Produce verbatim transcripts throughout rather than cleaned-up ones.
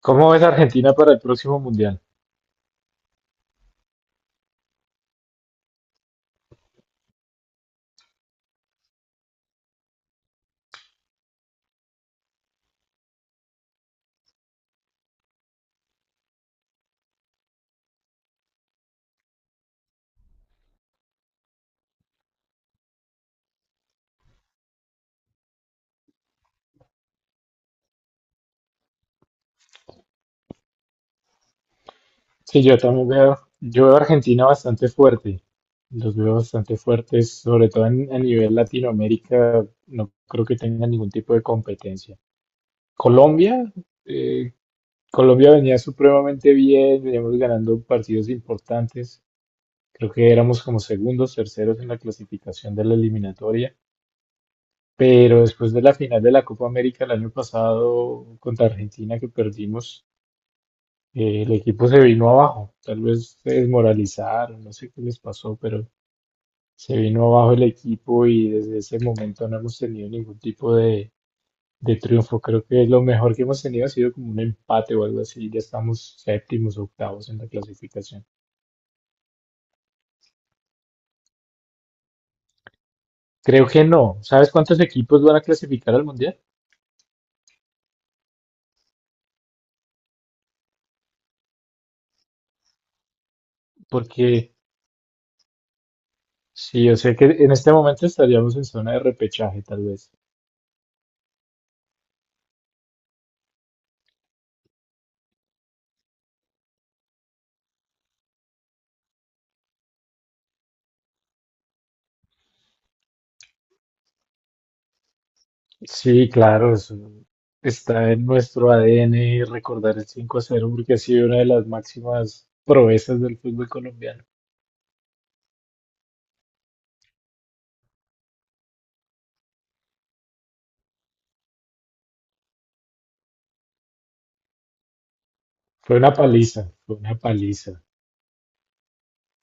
¿Cómo ves a Argentina para el próximo mundial? Sí, yo también veo, yo veo a Argentina bastante fuerte, los veo bastante fuertes, sobre todo en- a nivel Latinoamérica, no creo que tengan ningún tipo de competencia. Colombia, eh, Colombia venía supremamente bien, veníamos ganando partidos importantes, creo que éramos como segundos, terceros en la clasificación de la eliminatoria, pero después de la final de la Copa América el año pasado contra Argentina que perdimos, eh, el equipo se vino abajo. Tal vez se desmoralizaron, no sé qué les pasó, pero se vino abajo el equipo y desde ese momento no hemos tenido ningún tipo de, de triunfo. Creo que lo mejor que hemos tenido ha sido como un empate o algo así. Ya estamos séptimos, octavos en la clasificación. Creo que no. ¿Sabes cuántos equipos van a clasificar al mundial? Porque sí, yo sé que en este momento estaríamos en zona de repechaje, tal vez. Sí, claro, es- está en nuestro A D N recordar el cinco a cero porque ha sido una de las máximas proezas del fútbol colombiano. Fue una paliza, fue una paliza,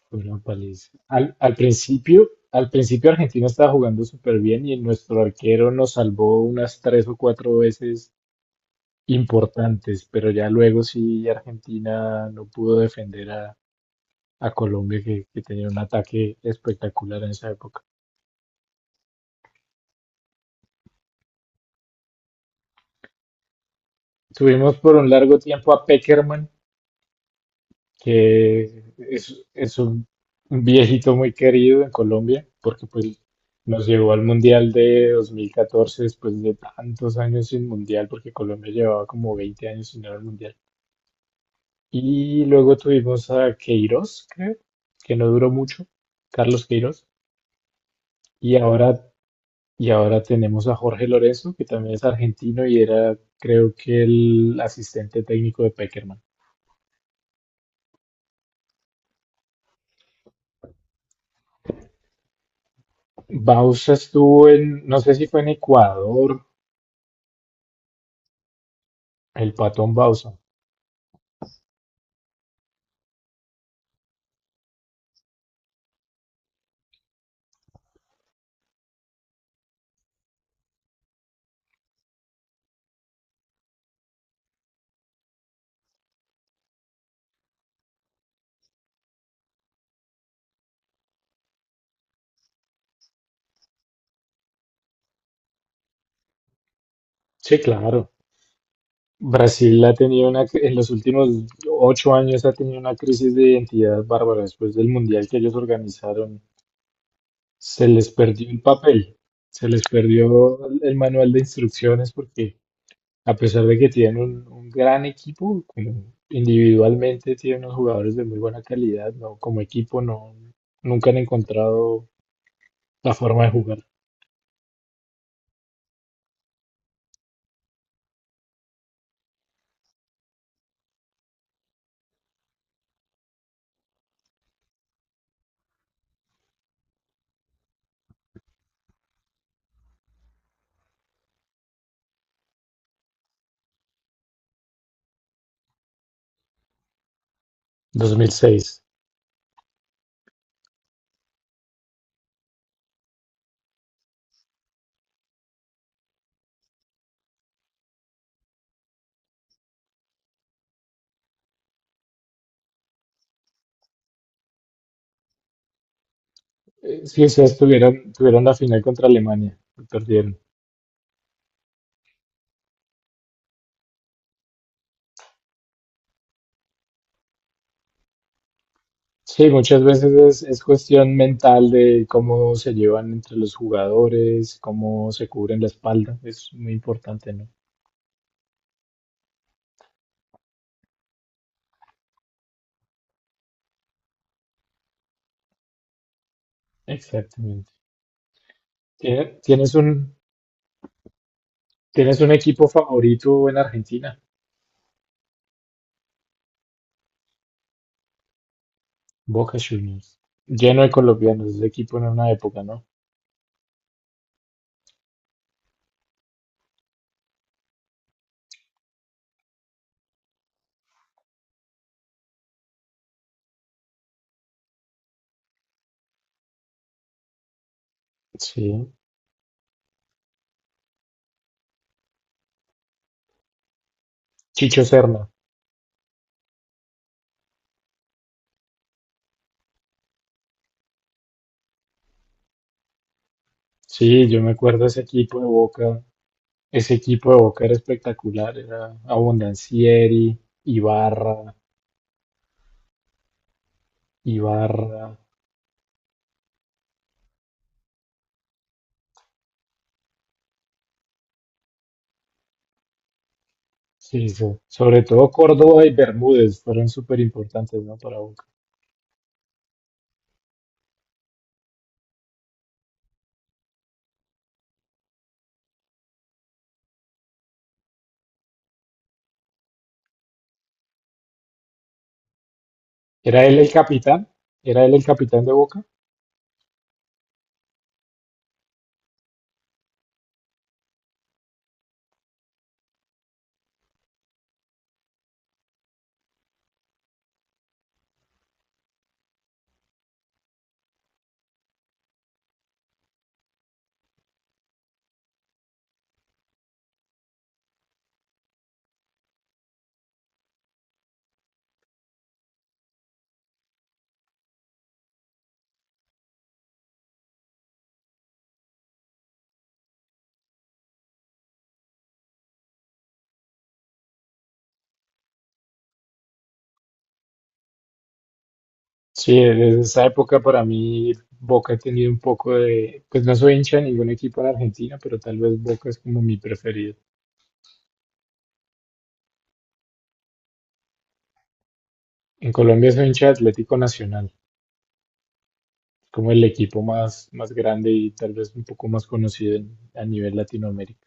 fue una paliza. Al, al principio, al principio Argentina estaba jugando súper bien y nuestro arquero nos salvó unas tres o cuatro veces importantes, pero ya luego sí Argentina no pudo defender a, a Colombia que que tenía un ataque espectacular en esa época. Tuvimos por un largo tiempo a Peckerman, que es, es un un viejito muy querido en Colombia, porque pues nos llevó al Mundial de dos mil catorce después de tantos años sin Mundial, porque Colombia llevaba como veinte años sin ir al Mundial. Y luego tuvimos a Queiroz, creo, que no duró mucho, Carlos Queiroz. Y ahora, y ahora tenemos a Jorge Lorenzo, que también es argentino y era, creo que, el asistente técnico de Peckerman. Bausa estuvo en, no sé si fue en Ecuador. El Patón Bausa. Sí, claro. Brasil ha tenido una, cri- en los últimos ocho años ha tenido una crisis de identidad bárbara. Después del mundial que ellos organizaron, se les perdió el papel, se les perdió el el manual de instrucciones porque a pesar de que tienen un, un gran equipo, como individualmente tienen unos jugadores de muy buena calidad, no, como equipo no, nunca han encontrado la forma de jugar. dos mil seis. Eh, Sí, o sea, tuvieron, tuvieron la final contra Alemania, y perdieron. Sí, muchas veces es, es cuestión mental de cómo se llevan entre los jugadores, cómo se cubren la espalda. Es muy importante, ¿no? Exactamente. Tiene- ¿Tienes un, tienes un equipo favorito en Argentina? Boca Juniors. Lleno de colombianos, ese equipo en una época, ¿no? Sí. Chicho Serna. Sí, yo me acuerdo de ese equipo de Boca. Ese equipo de Boca era espectacular. Era Abondancieri, Ibarra, Ibarra, Sí, so- sobre todo Córdoba y Bermúdez fueron súper importantes, ¿no? Para Boca. ¿Era él el capitán? ¿Era él el capitán de Boca? Sí, desde esa época para mí Boca ha tenido un poco de, pues no soy hincha de ningún equipo en Argentina, pero tal vez Boca es como mi preferido. En Colombia soy hincha de Atlético Nacional, como el equipo más, más grande y tal vez un poco más conocido en- a nivel Latinoamérica.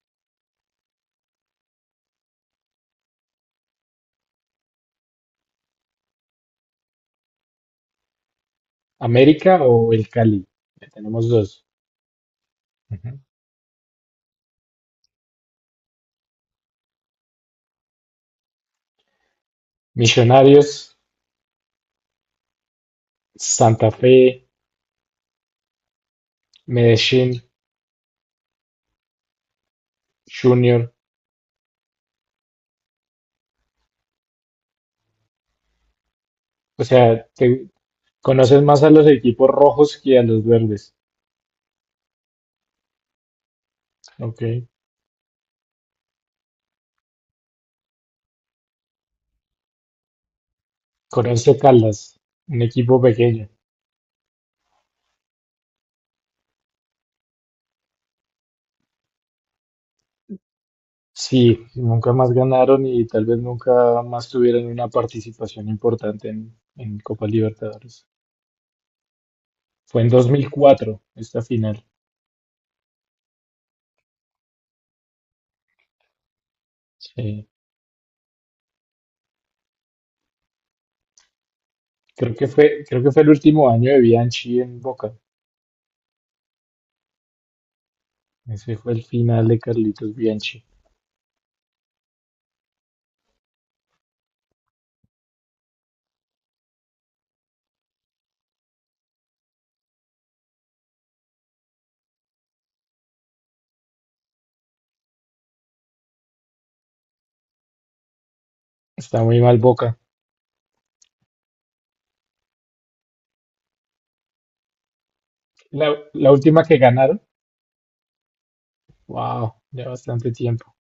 ¿América o el Cali? Ya tenemos dos. Ujú. Millonarios, Santa Fe, Medellín, Junior. O sea, te conoces más a los equipos rojos que a los verdes. Ok. Corinthians Caldas, un equipo pequeño. Sí, nunca más ganaron y tal vez nunca más tuvieron una participación importante en, en Copa Libertadores. Fue en dos mil cuatro esta final. Sí. Creo que fue, creo que fue el último año de Bianchi en Boca. Ese fue el final de Carlitos Bianchi. Está muy mal Boca. La, la última que ganaron, wow, ya bastante tiempo.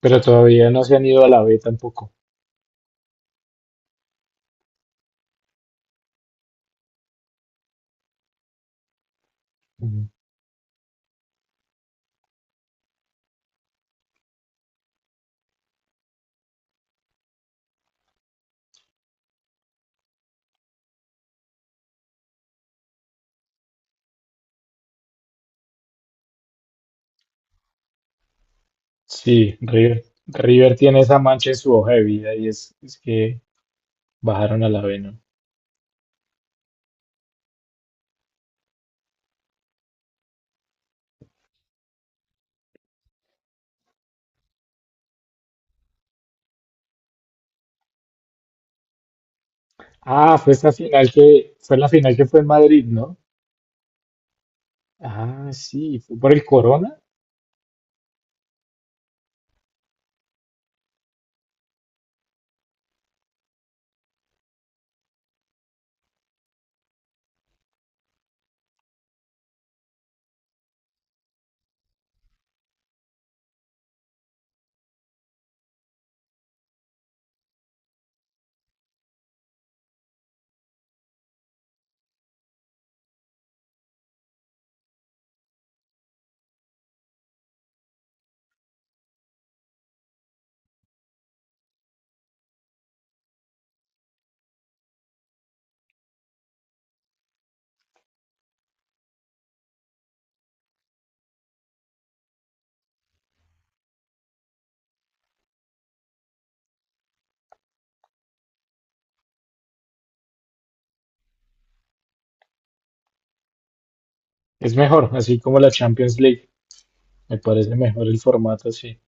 Pero todavía no se han ido a la B tampoco. Mm, Sí, River, River tiene esa mancha en su hoja de vida y es, es que bajaron a la B, ¿no? Ah, fue esta final que fue la final que fue en Madrid, ¿no? Ah, sí, fue por el Corona. Es mejor, así como la Champions League. Me parece mejor el formato así.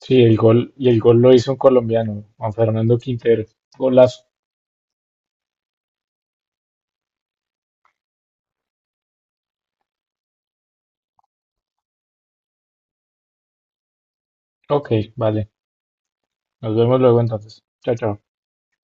Sí, el gol y el gol lo hizo un colombiano, Juan Fernando Quintero. Golazo. Ok, vale. Nos vemos luego entonces. Chao, chao.